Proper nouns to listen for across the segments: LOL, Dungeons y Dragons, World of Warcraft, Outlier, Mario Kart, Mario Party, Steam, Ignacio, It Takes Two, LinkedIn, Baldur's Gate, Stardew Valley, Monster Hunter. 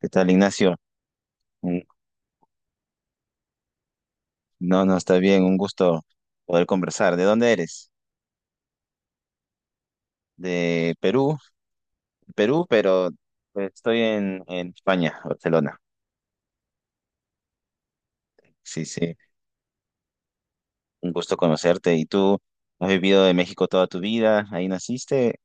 ¿Qué tal, Ignacio? Un- No, no, está bien, un gusto poder conversar. ¿De dónde eres? De Perú, Perú, pero pues, estoy en España, Barcelona. Sí, sí, un gusto conocerte. ¿Y tú has vivido en México toda tu vida? Ahí naciste,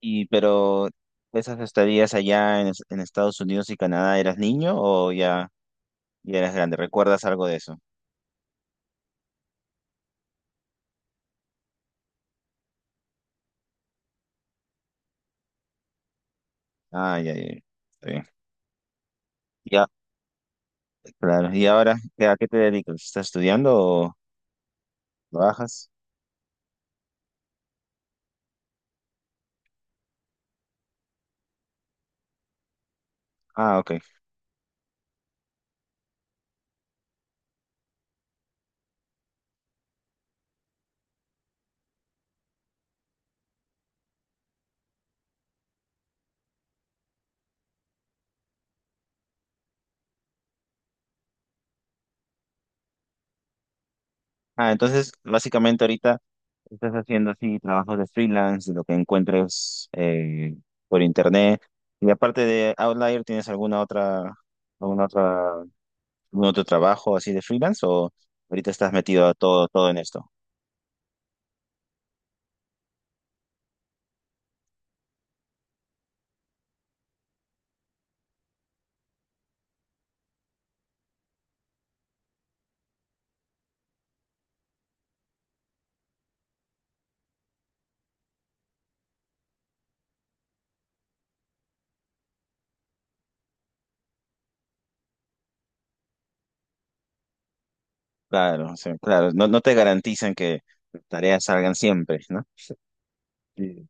y pero esas estadías allá en, en Estados Unidos y Canadá, ¿eras niño o ya, ya eras grande? ¿Recuerdas algo de eso? Ah, ya, ya, ya. Está bien. Ya, claro. ¿Y ahora a qué te dedicas? ¿Estás estudiando o trabajas? Ah, ok. Ah, entonces, básicamente ahorita estás haciendo así trabajos de freelance, de lo que encuentres por internet. Y aparte de Outlier, ¿tienes alguna otra, algún otro trabajo así de freelance? ¿O ahorita estás metido a todo en esto? Claro, o sea, claro. No, no te garantizan que las tareas salgan siempre, ¿no? Sí.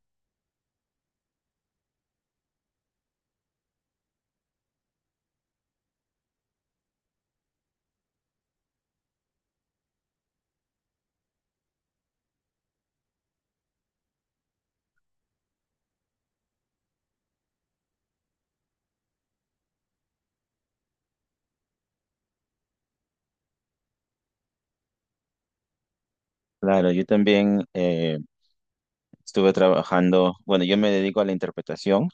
Claro, yo también estuve trabajando, bueno, yo me dedico a la interpretación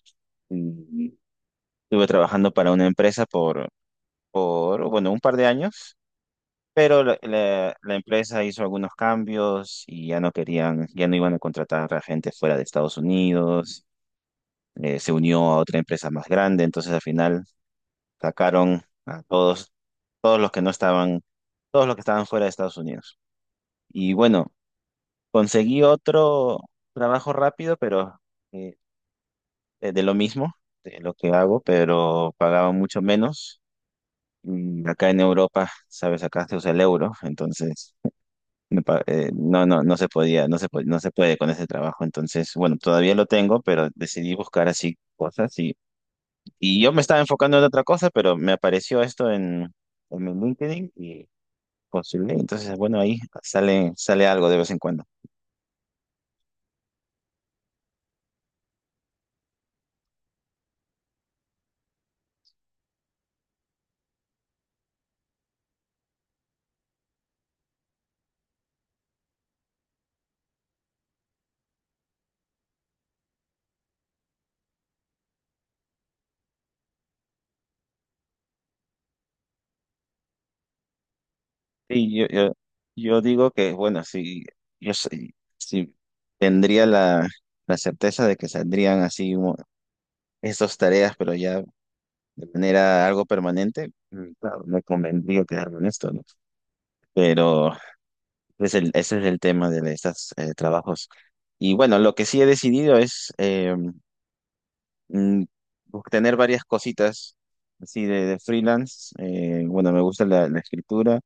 y estuve trabajando para una empresa por, bueno, un par de años. Pero la empresa hizo algunos cambios y ya no querían, ya no iban a contratar a gente fuera de Estados Unidos. Se unió a otra empresa más grande, entonces al final sacaron a todos, todos los que no estaban, todos los que estaban fuera de Estados Unidos. Y bueno, conseguí otro trabajo rápido, pero eh, de lo mismo, de lo que hago, pero pagaba mucho menos. Y acá en Europa, sabes, acá se usa el euro, entonces no, no, no se podía, no se puede con ese trabajo. Entonces, bueno, todavía lo tengo, pero decidí buscar así cosas y yo me estaba enfocando en otra cosa, pero me apareció esto en mi LinkedIn y postulé. Entonces, bueno, ahí sale, sale algo de vez en cuando. Y yo digo que, bueno, si tendría la certeza de que saldrían así estas tareas, pero ya de manera algo permanente, claro, me convendría quedarme en esto, ¿no? Pero es ese es el tema de estos trabajos. Y bueno, lo que sí he decidido es mm, tener varias cositas así de freelance. Bueno, me gusta la escritura.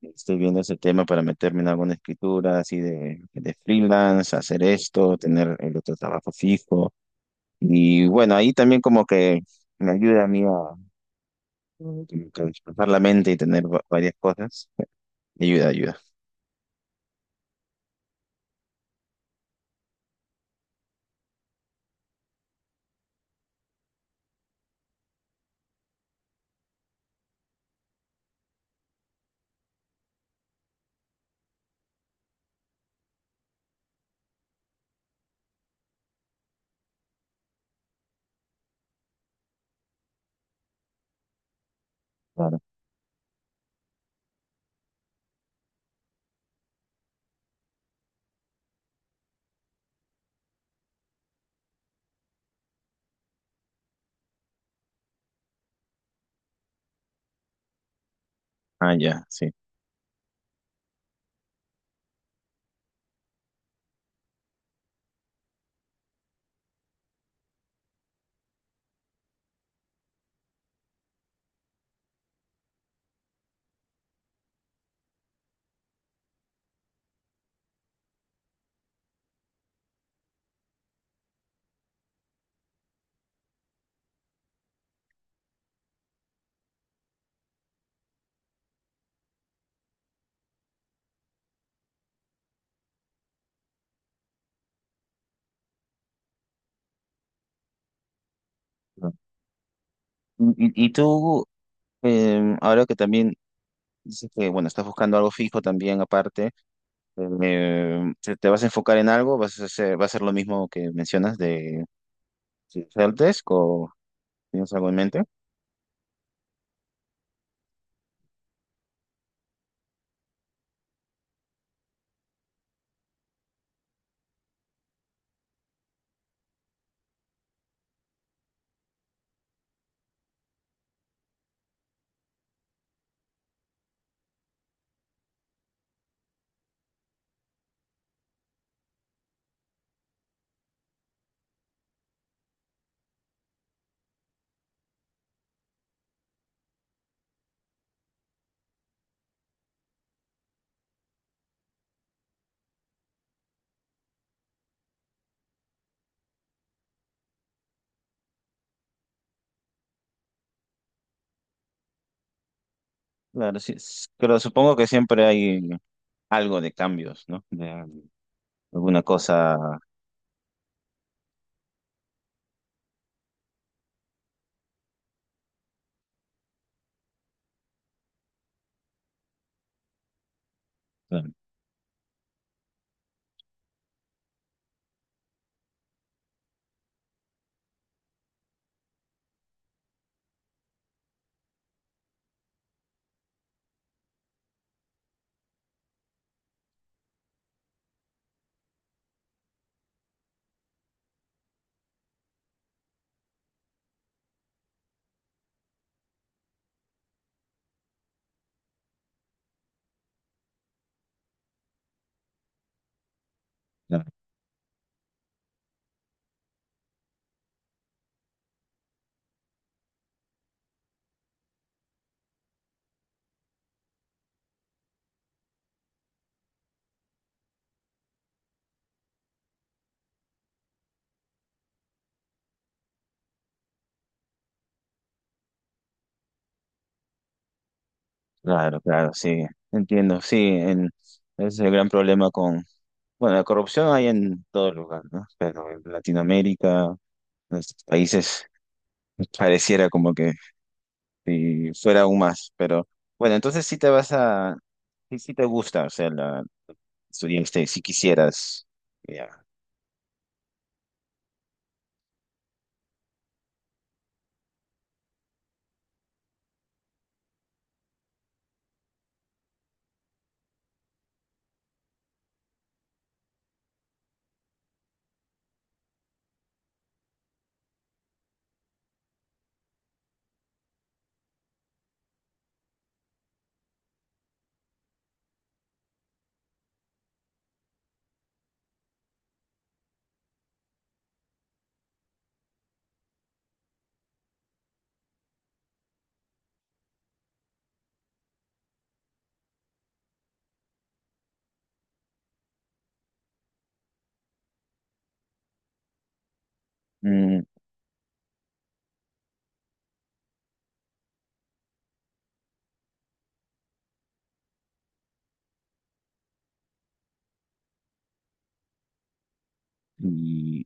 Estoy viendo ese tema para meterme en alguna escritura así de freelance, hacer esto, tener el otro trabajo fijo. Y bueno, ahí también como que me ayuda a mí a, como que despejar la mente y tener varias cosas. Ayuda, ayuda. Claro. Ah, ya, sí. Y, y tú, ahora que también dices que, bueno, estás buscando algo fijo también aparte, te vas a enfocar en algo? ¿Vas a hacer, va a ser lo mismo que mencionas de helpdesk o tienes algo en mente? Claro, sí, pero supongo que siempre hay algo de cambios, ¿no? De alguna cosa. Claro, claro, claro, claro, sí, entiendo, sí, es el gran problema con, bueno, la corrupción hay en todo lugar, ¿no? Pero en Latinoamérica, en nuestros países, pareciera como que si fuera aún más, pero bueno, entonces sí te vas a, sí, sí te gusta, o sea, la estudiaste, si quisieras, ya. Mm, y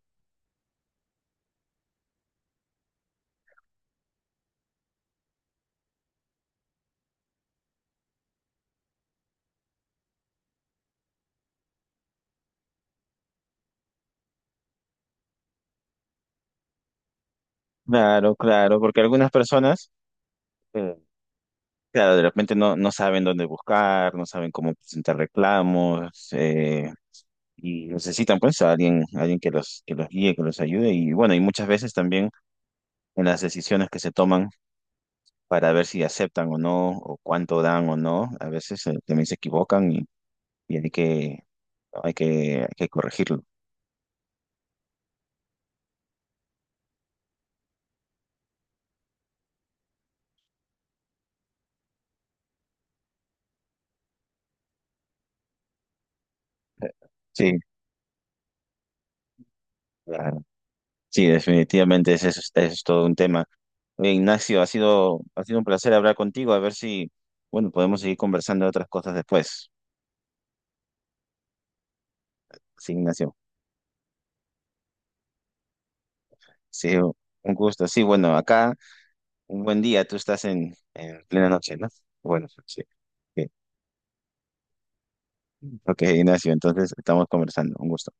claro, claro, porque algunas personas, eh, claro, de repente no, no saben dónde buscar, no saben cómo presentar reclamos, y necesitan pues a alguien, alguien que los guíe, que los ayude, y bueno, y muchas veces también en las decisiones que se toman para ver si aceptan o no, o cuánto dan o no, a veces también se equivocan y hay que hay que corregirlo. Sí, claro. Sí, definitivamente ese es todo un tema. Oye, Ignacio, ha sido un placer hablar contigo, a ver si, bueno, podemos seguir conversando de otras cosas después. Sí, Ignacio. Sí, un gusto. Sí, bueno, acá un buen día, tú estás en plena noche, ¿no? Bueno, sí. Sí. Ok, Ignacio, entonces estamos conversando. Un gusto.